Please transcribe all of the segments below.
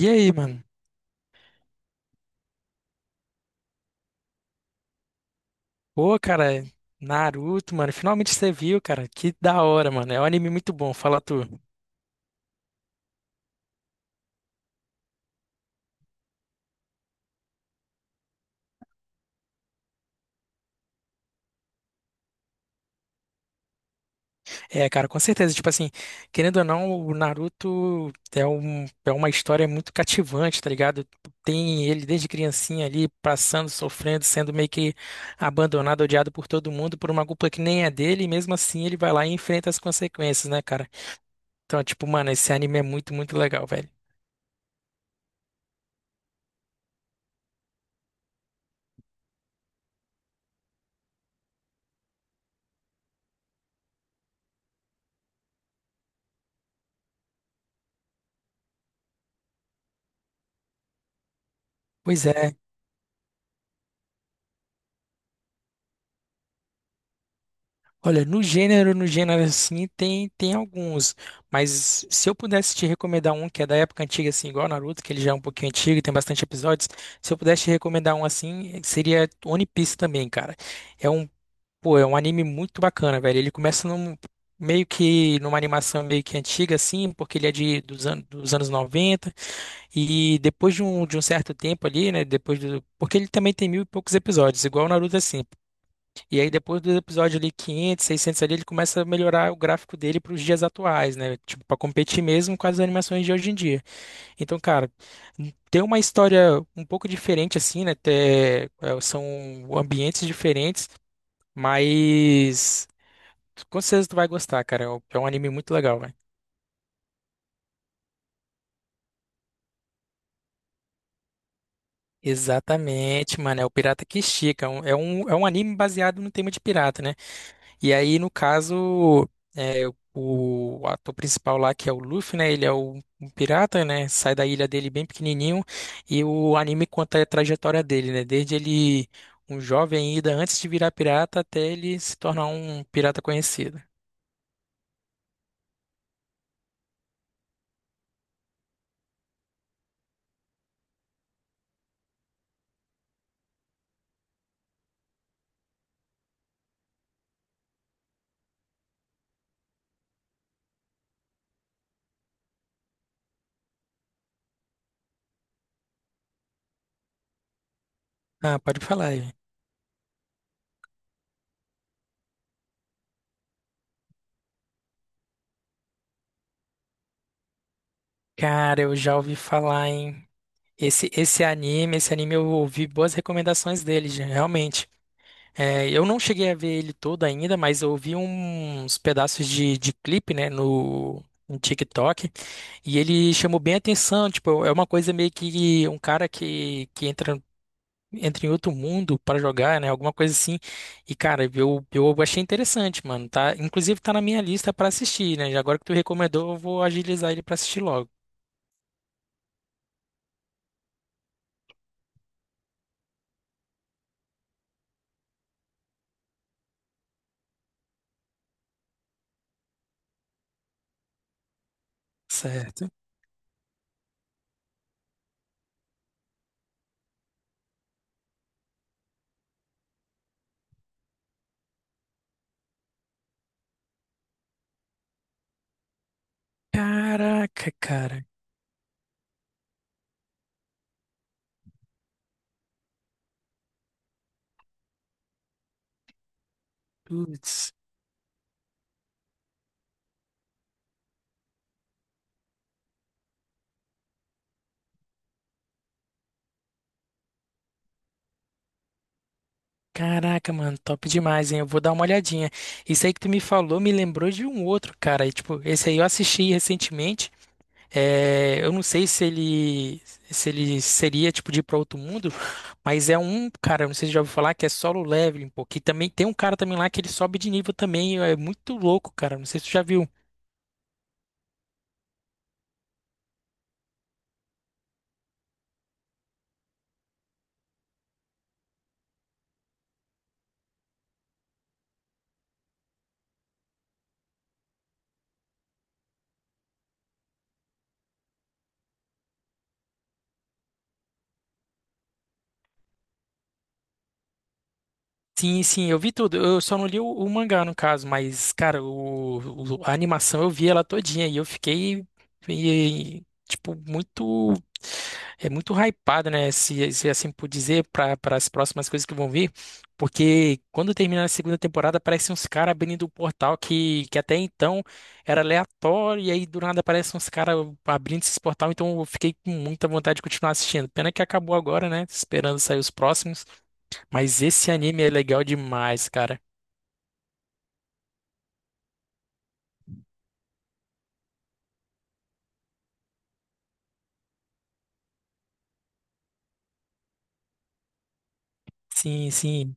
E aí, mano? Pô, cara, Naruto, mano, finalmente você viu, cara. Que da hora, mano. É um anime muito bom, fala tu. É, cara, com certeza. Tipo assim, querendo ou não, o Naruto é, é uma história muito cativante, tá ligado? Tem ele desde criancinha ali, passando, sofrendo, sendo meio que abandonado, odiado por todo mundo, por uma culpa que nem é dele, e mesmo assim ele vai lá e enfrenta as consequências, né, cara? Então, tipo, mano, esse anime é muito, muito legal, velho. Pois é. Olha, no gênero, no gênero assim, tem alguns, mas se eu pudesse te recomendar um que é da época antiga, assim, igual Naruto, que ele já é um pouquinho antigo e tem bastante episódios, se eu pudesse te recomendar um assim, seria One Piece também, cara. É um, pô, é um anime muito bacana, velho. Ele começa num, meio que numa animação meio que antiga, assim, porque ele é de, dos, an dos anos 90 e depois de um certo tempo ali, né, depois do, porque ele também tem mil e poucos episódios, igual o Naruto, assim. E aí depois do episódio ali 500, 600 ali, ele começa a melhorar o gráfico dele para os dias atuais, né? Tipo, para competir mesmo com as animações de hoje em dia. Então, cara, tem uma história um pouco diferente assim, né? Até, é, são ambientes diferentes, mas com certeza tu vai gostar, cara. É um anime muito legal, velho. Exatamente, mano. É o Pirata que Estica. É um anime baseado no tema de pirata, né? E aí, no caso, é, o ator principal lá, que é o Luffy, né? Ele é o, um pirata, né? Sai da ilha dele bem pequenininho. E o anime conta a trajetória dele, né? Desde ele, um jovem ainda, antes de virar pirata, até ele se tornar um pirata conhecido. Ah, pode falar aí. Cara, eu já ouvi falar em esse anime, esse anime eu ouvi boas recomendações dele, já, realmente. É, eu não cheguei a ver ele todo ainda, mas eu vi uns pedaços de clipe, né, no TikTok, e ele chamou bem a atenção, tipo, é uma coisa meio que um cara que entra, entra em outro mundo para jogar, né, alguma coisa assim, e cara, eu achei interessante, mano, tá, inclusive tá na minha lista para assistir, né, e agora que tu recomendou, eu vou agilizar ele para assistir logo, certo? Caraca, cara, putz. Caraca, mano, top demais, hein? Eu vou dar uma olhadinha. Isso aí que tu me falou me lembrou de um outro, cara. E, tipo, esse aí eu assisti recentemente. É, eu não sei se ele se ele seria tipo de ir pra outro mundo, mas é um, cara, eu não sei se já ouviu falar que é solo leveling, pô, que também tem um cara também lá que ele sobe de nível também, é muito louco, cara. Não sei se tu já viu. Sim, sim, eu vi tudo. Eu só não li o mangá, no caso, mas, cara, o, a animação eu vi ela todinha e eu fiquei, e- tipo, muito. É muito hypado, né? Se assim por dizer, para as próximas coisas que vão vir. Porque quando terminar a segunda temporada, aparecem uns caras abrindo o portal que até então era aleatório, e aí do nada aparecem uns caras abrindo esse portal. Então eu fiquei com muita vontade de continuar assistindo. Pena que acabou agora, né? Esperando sair os próximos. Mas esse anime é legal demais, cara. Sim, sim.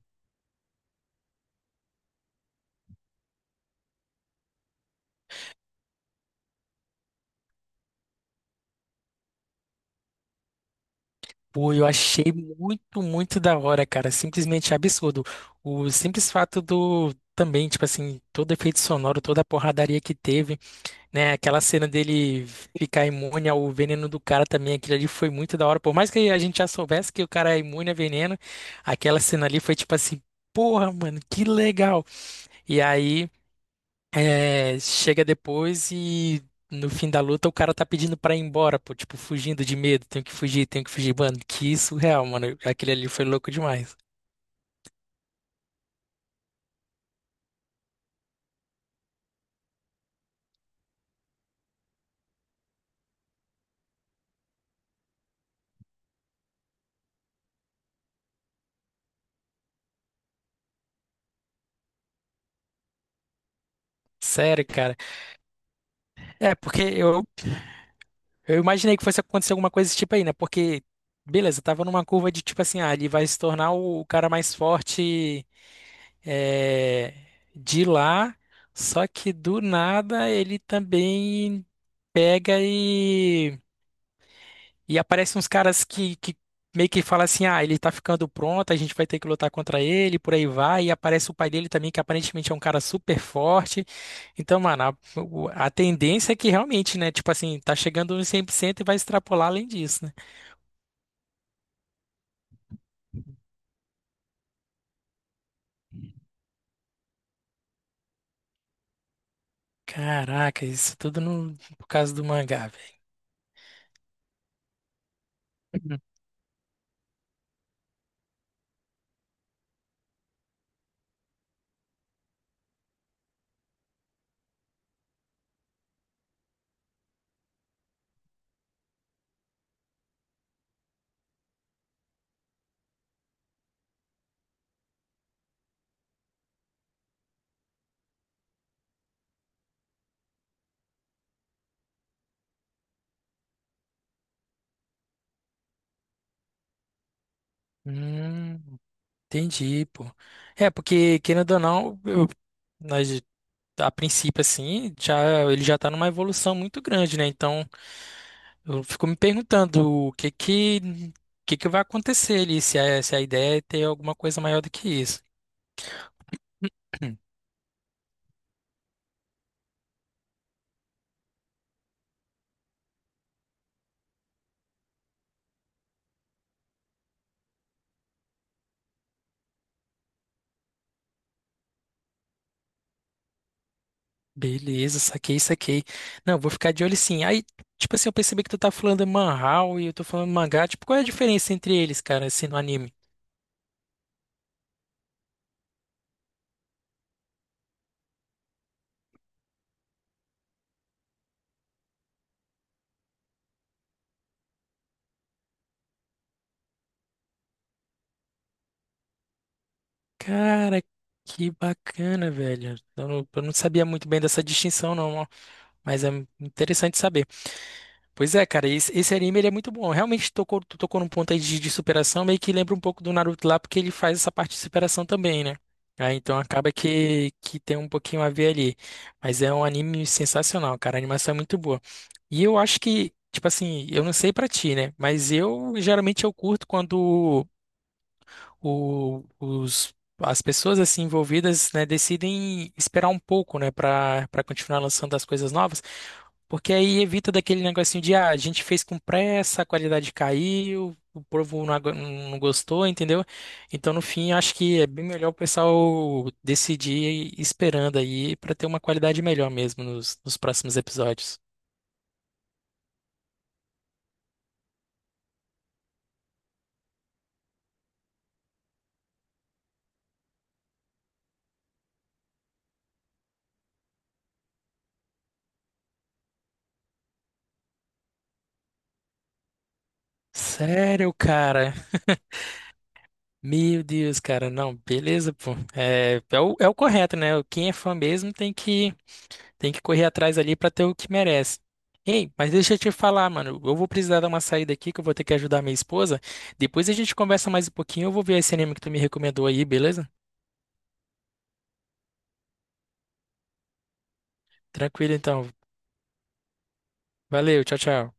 Pô, eu achei muito, muito da hora, cara. Simplesmente absurdo. O simples fato do. Também, tipo assim, todo efeito sonoro, toda a porradaria que teve, né? Aquela cena dele ficar imune ao veneno do cara também, aquilo ali foi muito da hora. Por mais que a gente já soubesse que o cara é imune a veneno, aquela cena ali foi tipo assim, porra, mano, que legal. E aí. É, chega depois e no fim da luta o cara tá pedindo pra ir embora, pô, tipo, fugindo de medo, tenho que fugir, mano, que surreal, mano, aquele ali foi louco demais. Sério, cara. É, porque eu imaginei que fosse acontecer alguma coisa desse tipo aí, né? Porque, beleza, eu tava numa curva de tipo assim, ah, ele vai se tornar o cara mais forte é, de lá, só que do nada ele também pega e aparecem uns caras que meio que falam assim: ah, ele tá ficando pronto, a gente vai ter que lutar contra ele, por aí vai. E aparece o pai dele também, que aparentemente é um cara super forte. Então, mano, a, a tendência é que realmente, né? Tipo assim, tá chegando nos 100% e vai extrapolar além disso, né? Caraca, isso tudo no, por causa do mangá, velho. Hum, entendi, pô. É, porque, querendo ou não, nós, a princípio, assim, já, ele já tá numa evolução muito grande, né? Então. Eu fico me perguntando o que que vai acontecer ali, se a ideia é ter alguma coisa maior do que isso. Beleza, saquei, saquei. Não, vou ficar de olho sim. Aí, tipo assim, eu percebi que tu tá falando manhwa e eu tô falando mangá. Tipo, qual é a diferença entre eles, cara, assim, no anime? Cara, que bacana, velho. Eu não sabia muito bem dessa distinção, não, ó, mas é interessante saber. Pois é, cara, esse anime ele é muito bom. Realmente tocou, tu tocou num ponto aí de superação, meio que lembra um pouco do Naruto lá, porque ele faz essa parte de superação também, né? Aí, então acaba que tem um pouquinho a ver ali. Mas é um anime sensacional, cara. A animação é muito boa. E eu acho que, tipo assim, eu não sei pra ti, né? Mas eu geralmente eu curto quando os, as pessoas assim envolvidas, né, decidem esperar um pouco, né, para para continuar lançando as coisas novas, porque aí evita daquele negocinho de ah, a gente fez com pressa, a qualidade caiu, o povo não, não gostou, entendeu? Então, no fim, acho que é bem melhor o pessoal decidir esperando aí para ter uma qualidade melhor mesmo nos próximos episódios. Sério, cara, Meu Deus, cara, não, beleza, pô. É, é o, é o correto, né? Quem é fã mesmo tem que correr atrás ali pra ter o que merece. Ei, mas deixa eu te falar, mano. Eu vou precisar dar uma saída aqui que eu vou ter que ajudar minha esposa. Depois a gente conversa mais um pouquinho. Eu vou ver esse anime que tu me recomendou aí, beleza? Tranquilo, então. Valeu, tchau, tchau.